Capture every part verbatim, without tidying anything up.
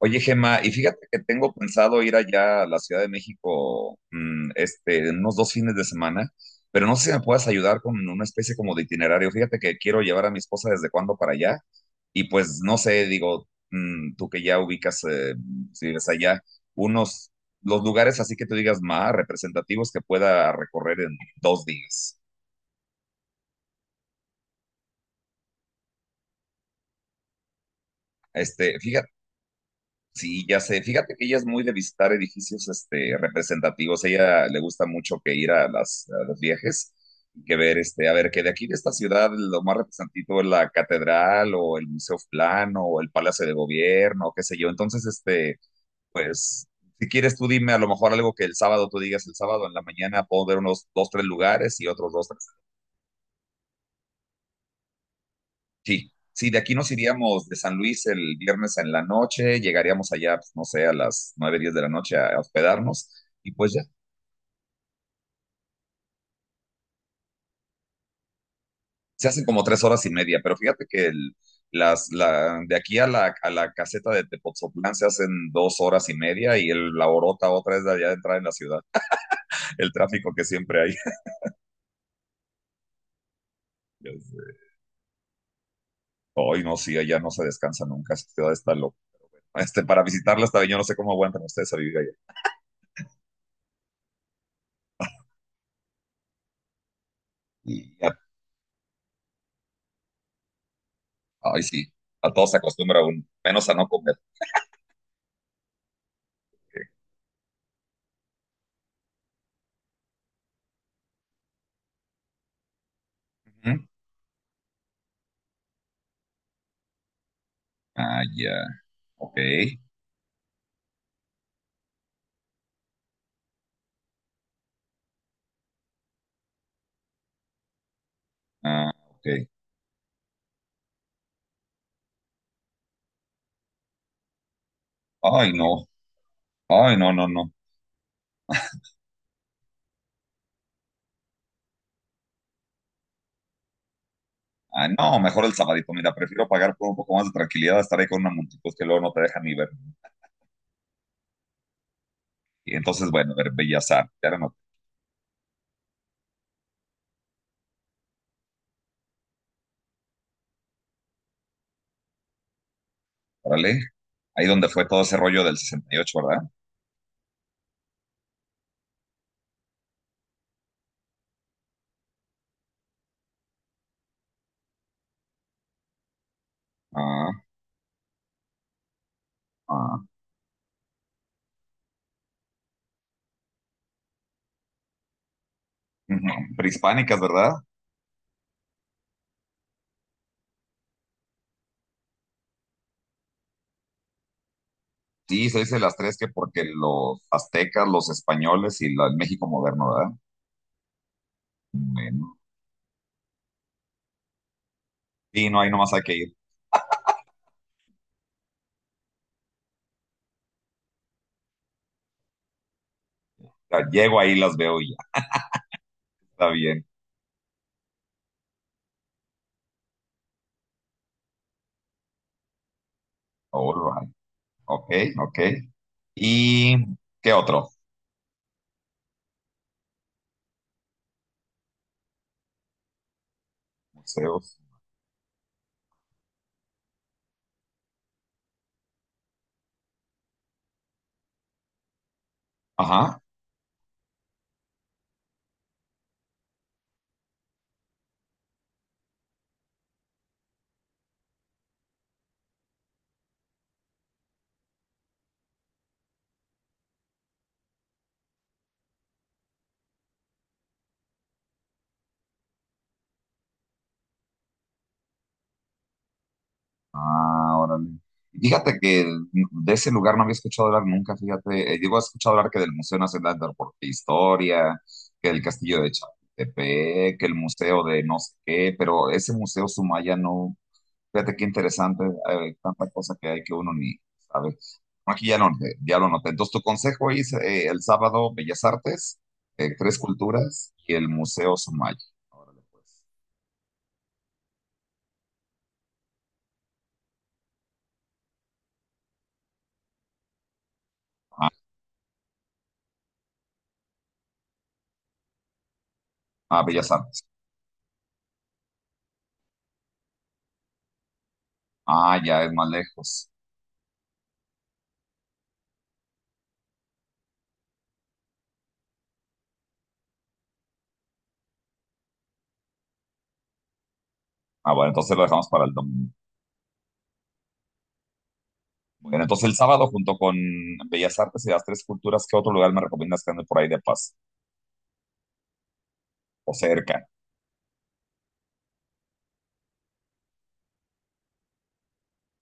Oye, Gemma, y fíjate que tengo pensado ir allá a la Ciudad de México, mm, este, en unos dos fines de semana, pero no sé si me puedas ayudar con una especie como de itinerario. Fíjate que quiero llevar a mi esposa desde cuándo para allá, y pues no sé, digo, mm, tú que ya ubicas, eh, si vives allá, unos, los lugares así que tú digas más representativos que pueda recorrer en dos días. Este, fíjate, sí, ya sé. Fíjate que ella es muy de visitar edificios este, representativos. A ella le gusta mucho que ir a, las, a los viajes, y que ver, este, a ver, que de aquí de esta ciudad lo más representativo es la catedral o el Museo Plano o el Palacio de Gobierno, qué sé yo. Entonces, este, pues, si quieres tú dime a lo mejor algo que el sábado tú digas el sábado en la mañana, puedo ver unos dos, tres lugares y otros dos. Sí, sí, de aquí nos iríamos de San Luis el viernes en la noche, llegaríamos allá, pues, no sé, a las nueve, diez de la noche a hospedarnos y pues ya, se hacen como tres horas y media, pero fíjate que el- las, la, de aquí a la, a la caseta de Tepoztlán se hacen dos horas y media y el, la orota otra es de allá de entrar en la ciudad, el tráfico que siempre hay. Ya sé. Ay, no, sí, allá no se descansa nunca, esa ciudad está loca. Este, para visitarla está bien, yo no sé cómo aguantan ustedes a vivir allá. Y, ya- Ay, sí, a todos se acostumbra uno, menos a no comer. ¿Mm? Ah, ya. Ok. Ah, ok. Ay, no. Ay, no, no, no. Ah, no, mejor el sabadito. Mira, prefiero pagar por un poco más de tranquilidad, estar ahí con una multitud que luego no te dejan ni ver. Y entonces, bueno, a ver, Bellas Artes, ya no. Órale. Ahí donde fue todo ese rollo del sesenta y ocho, ¿verdad? Ah, ah. Ujú. Prehispánicas, ¿verdad? Sí, se dice las tres que porque los aztecas, los españoles y la- el México moderno, ¿verdad? Bueno. Sí, no, ahí nomás hay que ir. Ya, llego ahí, las veo y ya. Está bien. All ok, ok. ¿Y qué otro? Museos. Ajá. Ah, órale. Fíjate que de ese lugar no había escuchado hablar nunca, fíjate. Eh, digo, he escuchado hablar que del Museo Nacional de Arte e Historia, que del Castillo de Chapultepec, que el museo de no sé qué, pero ese museo Sumaya no. Fíjate qué interesante, eh, tanta cosa que hay que uno ni sabe. No, aquí ya lo, ya lo noté. Entonces, tu consejo es eh, el sábado Bellas Artes, eh, Tres Culturas y el Museo Sumaya. Órale, pues. Ah, ah, Bellas Artes. Ah, ya es más lejos. Ah, bueno, entonces lo dejamos para el domingo. Bueno, entonces el sábado junto con Bellas Artes y las Tres Culturas, ¿qué otro lugar me recomiendas que ande por ahí de paz o cerca?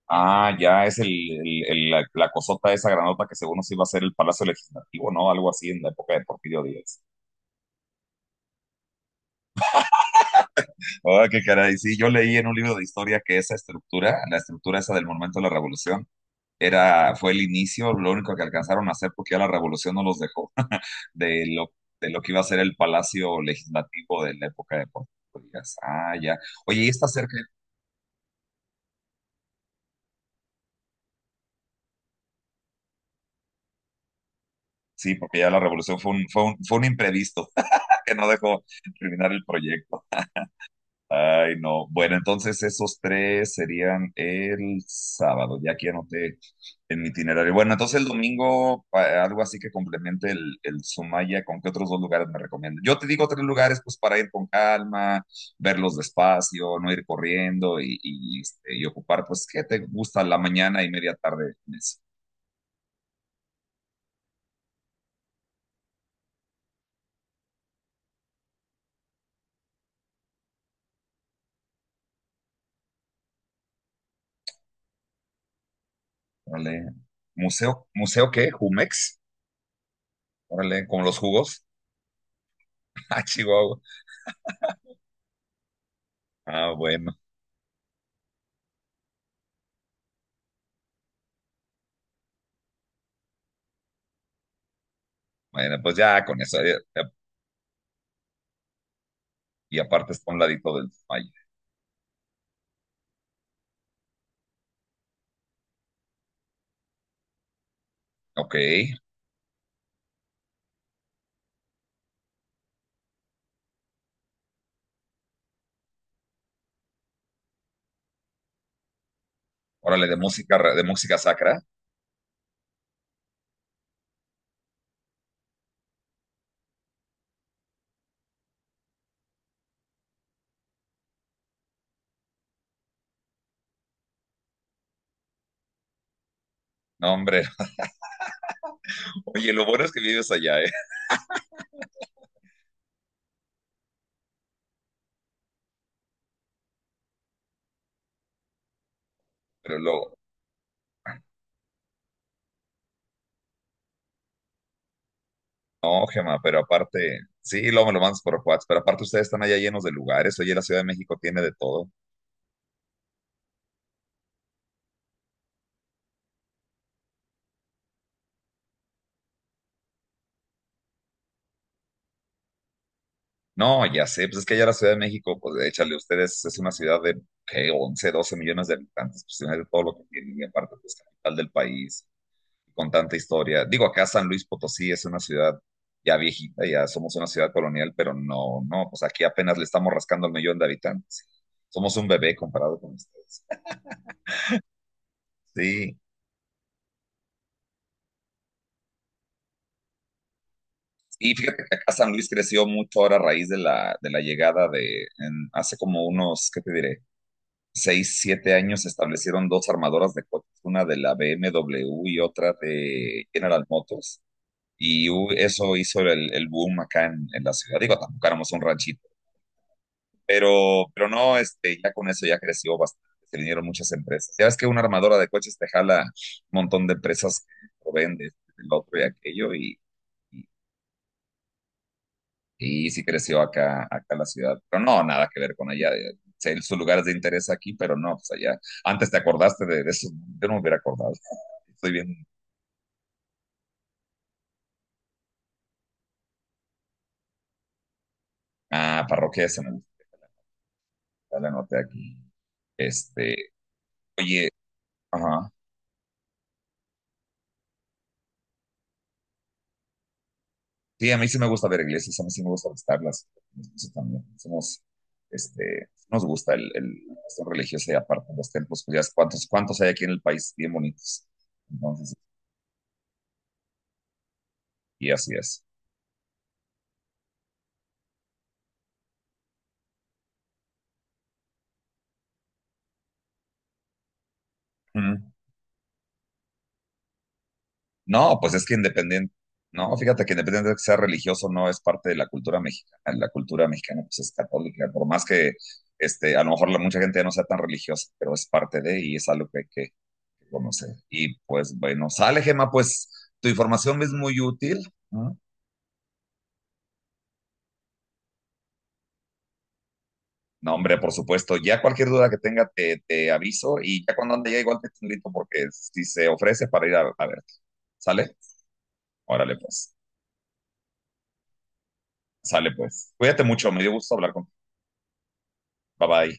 Ah, ya es el, el- el- la, la cosota esa granota que según nos iba a ser el Palacio Legislativo, ¿no? Algo así en la época de Porfirio Díaz. Ah, qué caray. Sí, yo leí en un libro de historia que esa estructura, la estructura esa del Monumento a la Revolución, era, fue el inicio, lo único que alcanzaron a hacer porque ya la Revolución no los dejó, de lo, de lo que iba a ser el Palacio Legislativo de la época de Porfirio Díaz. Ah, ya. Oye, ¿y está cerca? Sí, porque ya la Revolución fue un, fue un, fue un imprevisto que no dejó terminar el proyecto. Ay, no. Bueno, entonces esos tres serían el sábado, ya que anoté en mi itinerario. Bueno, entonces el domingo, pa- algo así que complemente el, el Sumaya, ¿con qué otros dos lugares me recomiendas? Yo te digo tres lugares, pues para ir con calma, verlos despacio, no ir corriendo y, y, este, y ocupar, pues, ¿qué te gusta la mañana y media tarde en eso? Órale. ¿Museo, museo qué? ¿Jumex? Órale, como los jugos. Ah, Chihuahua. Ah, bueno. Bueno, pues ya con eso. Eh, y aparte está a un ladito del Maya. Ok, órale, de música, ra- de música sacra. No, hombre, oye, lo bueno es que vives allá, ¿eh? Pero luego, no, Gemma, pero aparte, sí, luego me lo mandas por WhatsApp, pero aparte ustedes están allá llenos de lugares, oye, la Ciudad de México tiene de todo. No, ya sé, pues es que allá la Ciudad de México, pues échale, ustedes es una ciudad de, ¿qué? once, doce millones de habitantes, pues tiene de todo lo que tiene, y aparte, pues capital del país, con tanta historia. Digo, acá San Luis Potosí es una ciudad ya viejita, ya somos una ciudad colonial, pero no, no, pues aquí apenas le estamos rascando el millón de habitantes. Somos un bebé comparado con ustedes. Sí. Y fíjate que acá San Luis creció mucho ahora a raíz de la, de la llegada de, en- hace como unos, ¿qué te diré? Seis, siete años se establecieron dos armadoras de coches, una de la B M W y otra de General Motors. Y hu- eso hizo el, el boom acá en, en la ciudad. Digo, tampoco éramos un ranchito. Pero, pero no, este, ya con eso ya creció bastante, se vinieron muchas empresas. Ya ves que una armadora de coches te jala un montón de empresas que lo venden, el otro y aquello, y, y, y sí creció acá, acá la ciudad. Pero no, nada que ver con allá. eh, sé, Sus lugares de interés aquí, pero no, pues allá. Antes te acordaste de, de eso, yo no me hubiera acordado. Estoy bien. Ah, parroquia de San Agustín, ya la anoté aquí. Este, Oye, ajá. Sí, a mí sí me gusta ver iglesias, a mí sí me gusta visitarlas. Eso también. Somos, este, nos gusta el, el la cuestión religiosa y aparte los templos, pues ya es cuántos, cuántos hay aquí en el país, bien bonitos. Entonces, y así es. Ujú. No, pues es que independiente, no, fíjate que independiente de que sea religioso, no es parte de la cultura mexicana. La cultura mexicana, pues es católica, por más que, este, a lo mejor la, mucha gente ya no sea tan religiosa, pero es parte de y es algo que hay que conocer. Y pues bueno, sale, Gema, pues tu información es muy útil. No, hombre, por supuesto. Ya cualquier duda que tenga te, te aviso y ya cuando ande ya igual te echo un grito porque si se ofrece para ir a, a verte. ¿Sale? Órale pues. Sale pues. Cuídate mucho, me dio gusto hablar contigo. Bye bye.